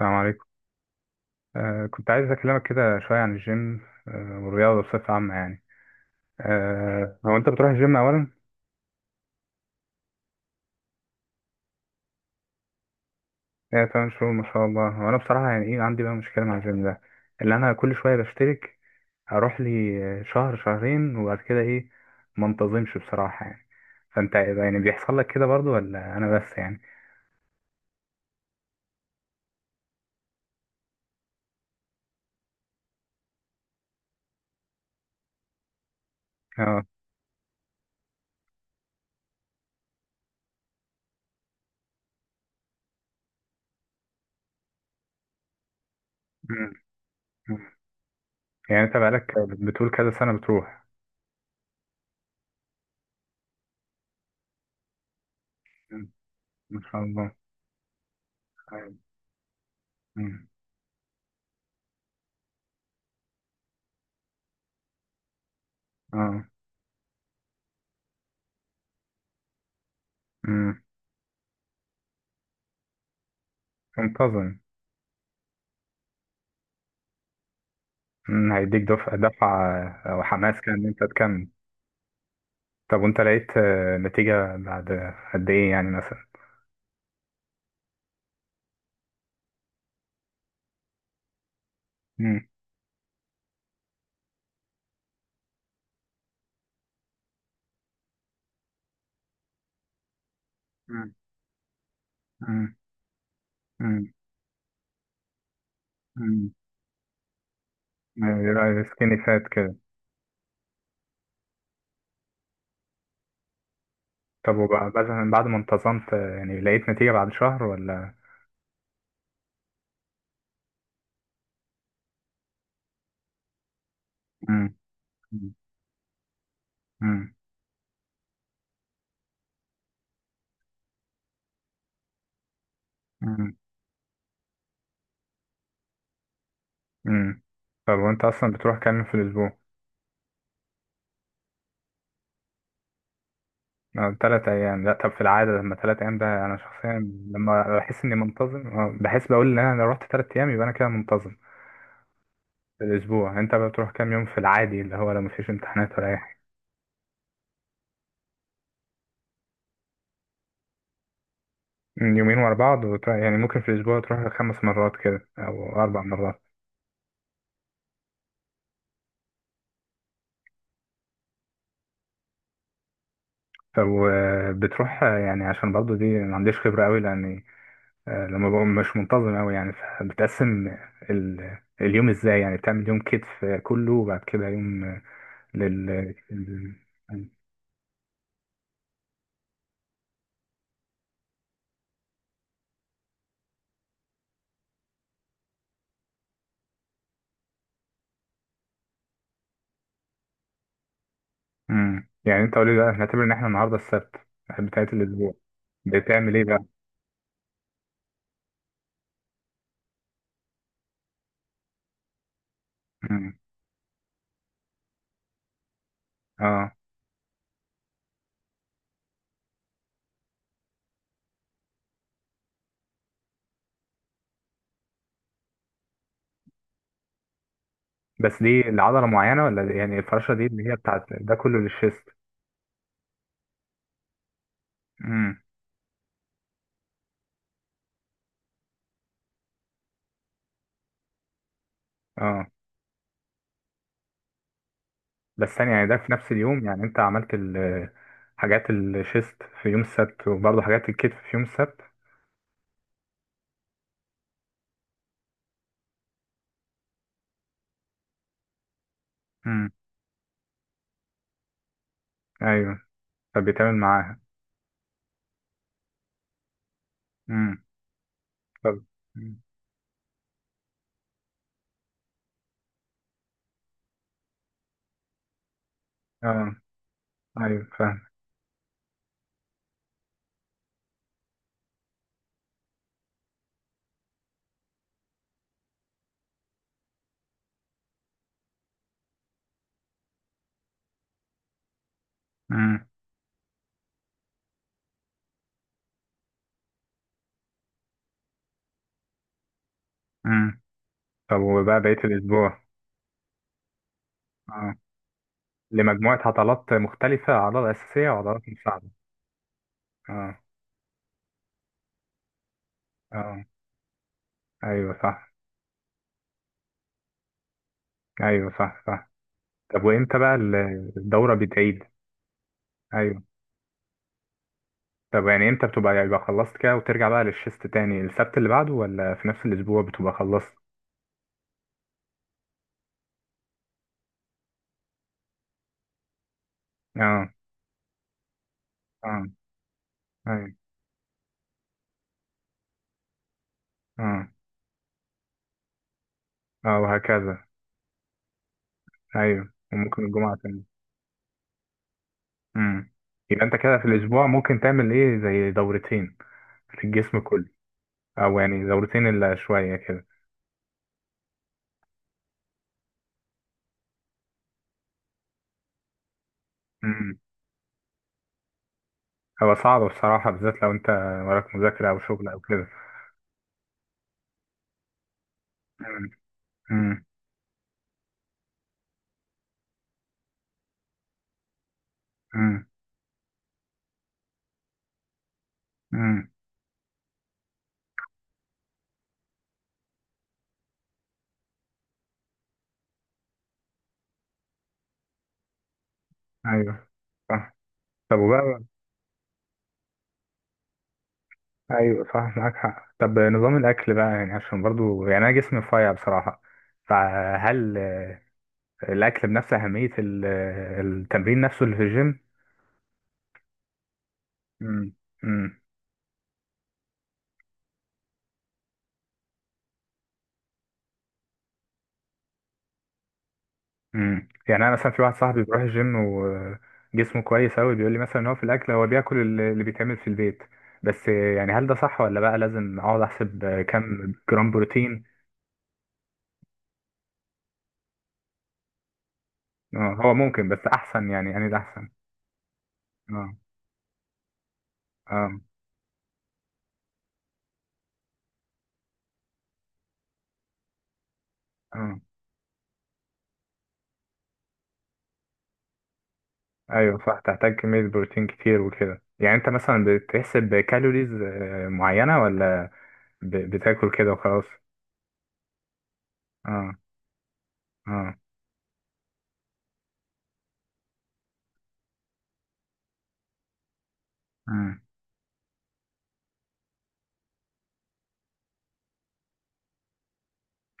السلام عليكم. كنت عايز أكلمك كده شوية عن الجيم. والرياضة بصفة عامة يعني. هو أنت بتروح الجيم أولا؟ إيه تمام شهور، ما شاء الله. هو أنا بصراحة يعني إيه عندي بقى مشكلة مع الجيم ده، اللي أنا كل شوية بشترك، أروح لي شهر شهرين وبعد كده إيه، ما انتظمش بصراحة يعني. فأنت إيه ده، يعني بيحصل لك كده برضو ولا أنا بس يعني؟ اه. مم. مم. يعني أنت بقالك بتقول كذا سنة بتروح. مم. ما شاء الله. أيوة. مم. اه. مم. منتظم. هيديك دفعة دفعة أو حماس كان إن أنت تكمل. طب وأنت لقيت نتيجة بعد قد إيه يعني مثلا؟ مم. مم. مم. مم. مم. يعني يبقى سكيني فات كده. طب وبعد مثلا بعد ما انتظمت يعني لقيت نتيجة بعد شهر ولا؟ مم. مم. مم. مم. مم. طب وأنت أصلا بتروح كام يوم في الأسبوع؟ 3 أيام؟ لأ، طب في العادة لما 3 أيام ده، أنا شخصيا لما بحس إني منتظم بحس بقول إن أنا لو رحت 3 أيام يبقى أنا كده منتظم في الأسبوع. يعني أنت بتروح كام يوم في العادي، اللي هو لو مفيش امتحانات ولا أي حاجة؟ من يومين ورا بعض وتروح، يعني ممكن في الأسبوع تروح 5 مرات كده أو 4 مرات؟ طب بتروح، يعني عشان برضه دي ما عنديش خبرة أوي، لأني لما بقوم مش منتظم أوي يعني، فبتقسم اليوم إزاي؟ يعني بتعمل يوم كتف كله وبعد كده يوم لل لل- مم. يعني أنت قولي بقى، هنعتبر إن إحنا النهاردة السبت بتاعت الأسبوع، بتعمل إيه بقى؟ مم. آه. بس دي لعضلة معينة ولا دي، يعني الفراشة دي اللي هي بتاعت ده كله للشيست؟ امم. اه. بس ثانية، يعني ده في نفس اليوم؟ يعني انت عملت حاجات الشيست في يوم السبت وبرضه حاجات الكتف في يوم السبت؟ امم. ايوه. فبيتعمل معاها. امم. طب. مم. اه ايوه فاهم. امم. امم. طب وبقى بقية الأسبوع؟ اه. لمجموعة عضلات مختلفة، عضلة أساسية وعضلات مساعدة. اه. اه. ايوه صح. ايوه صح صح. طب وامتى بقى الدورة بتعيد؟ أيوه. طب يعني امتى بتبقى، يبقى خلصت كده وترجع بقى للشيست تاني السبت اللي بعده، ولا في نفس الاسبوع بتبقى خلصت؟ اه. اه. ايوه. اه. اه وهكذا. ايوه وممكن الجمعة تاني. امم. يبقى انت كده في الاسبوع ممكن تعمل ايه، زي دورتين في الجسم كله، او يعني دورتين الا شوية كده. امم. هو صعب بصراحة، بالذات لو انت وراك مذاكرة او شغل او كده. امم. امم. امم. امم. ايوه صح. طب وبقى. ايوه صح، معاك حق. طب نظام الاكل بقى، يعني عشان برضو يعني انا جسمي رفيع بصراحه، فهل الاكل بنفس اهميه التمرين نفسه اللي في الجيم؟ امم. امم. امم. يعني انا مثلا في واحد صاحبي بيروح الجيم وجسمه كويس اوي، بيقول لي مثلا ان هو في الاكل هو بياكل اللي اللي بيتعمل في البيت. بس يعني هل ده صح، ولا بقى لازم اقعد احسب كام جرام بروتين؟ آه، هو ممكن بس احسن، يعني ده احسن. اه. اه. اه. ايوه صح، تحتاج كمية بروتين كتير وكده. يعني انت مثلا بتحسب كالوريز معينة، ولا بتاكل كده وخلاص؟ اه. اه. مم.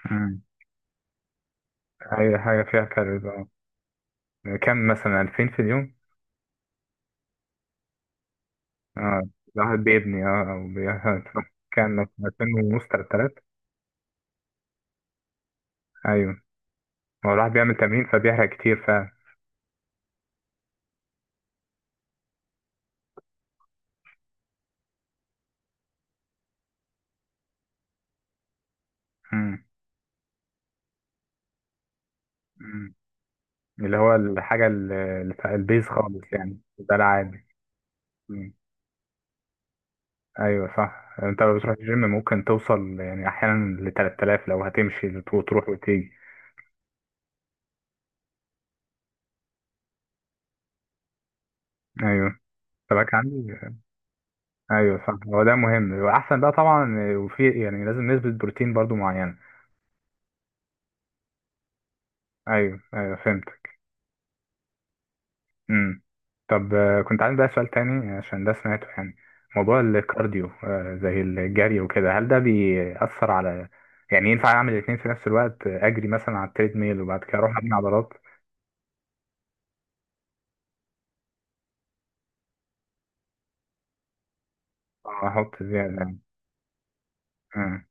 مم. اي حاجة فيها كالوريز، اه. كم، مثلا 2000 في اليوم؟ اه. الواحد بيبني، اه، او كام، 2000 ونص، 3000؟ ايوه. هو الواحد بيعمل تمرين فبيحرق كتير فعلا. مم. مم. اللي هو الحاجة البيز خالص، يعني ده العادي. ايوه صح. انت لو بتروح الجيم ممكن توصل يعني احيانا ل 3000، لو هتمشي وتروح وتيجي. ايوه. فبقى عندي. ايوه صح، هو ده مهم واحسن بقى طبعا. وفي يعني لازم نسبة بروتين برضو معينة؟ ايوه ايوه فهمتك. امم. طب كنت عندي بقى سؤال تاني، عشان ده سمعته يعني: موضوع الكارديو زي الجري وكده، هل ده بيأثر على، يعني ينفع اعمل الاثنين في نفس الوقت؟ اجري مثلا على التريد ميل وبعد كده اروح ابني عضلات؟ احط زيادة يعني. آه.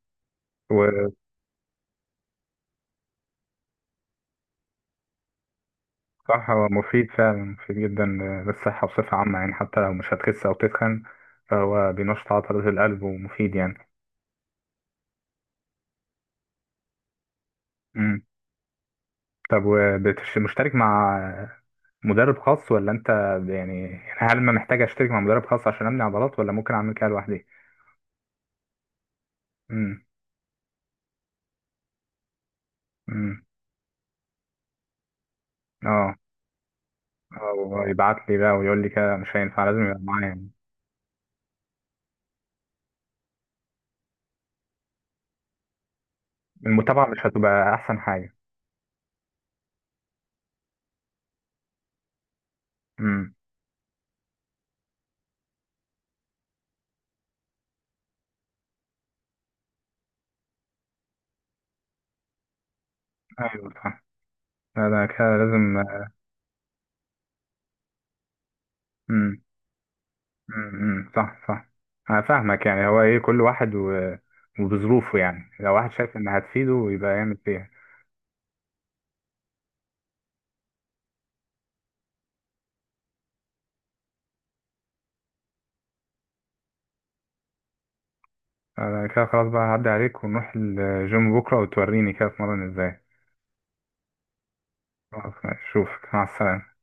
صح، هو مفيد فعلا، مفيد جدا للصحة بصفة عامة، يعني حتى لو مش هتخس أو تتخن، فهو بينشط عضلات القلب ومفيد يعني. مم. طب، ومشترك مع مدرب خاص ولا أنت، يعني يعني هل ما محتاج أشترك مع مدرب خاص عشان أبني عضلات، ولا ممكن أعمل كده لوحدي؟ مم. مم. أه. أو يبعت لي بقى ويقول لي كده، مش هينفع، لازم يبقى معايا يعني. المتابعة مش هتبقى أحسن حاجة؟ مم. أيوه صح. لا، ده كده لازم. مم. صح صح. انا فاهمك، يعني هو ايه، كل واحد و... وبظروفه، يعني لو واحد شايف انها هتفيده يبقى يعمل فيها. انا كده خلاص بقى هعدي عليك، ونروح الجيم بكره وتوريني كده اتمرن ازاي. خلاص ماشي، اشوفك، مع السلامه.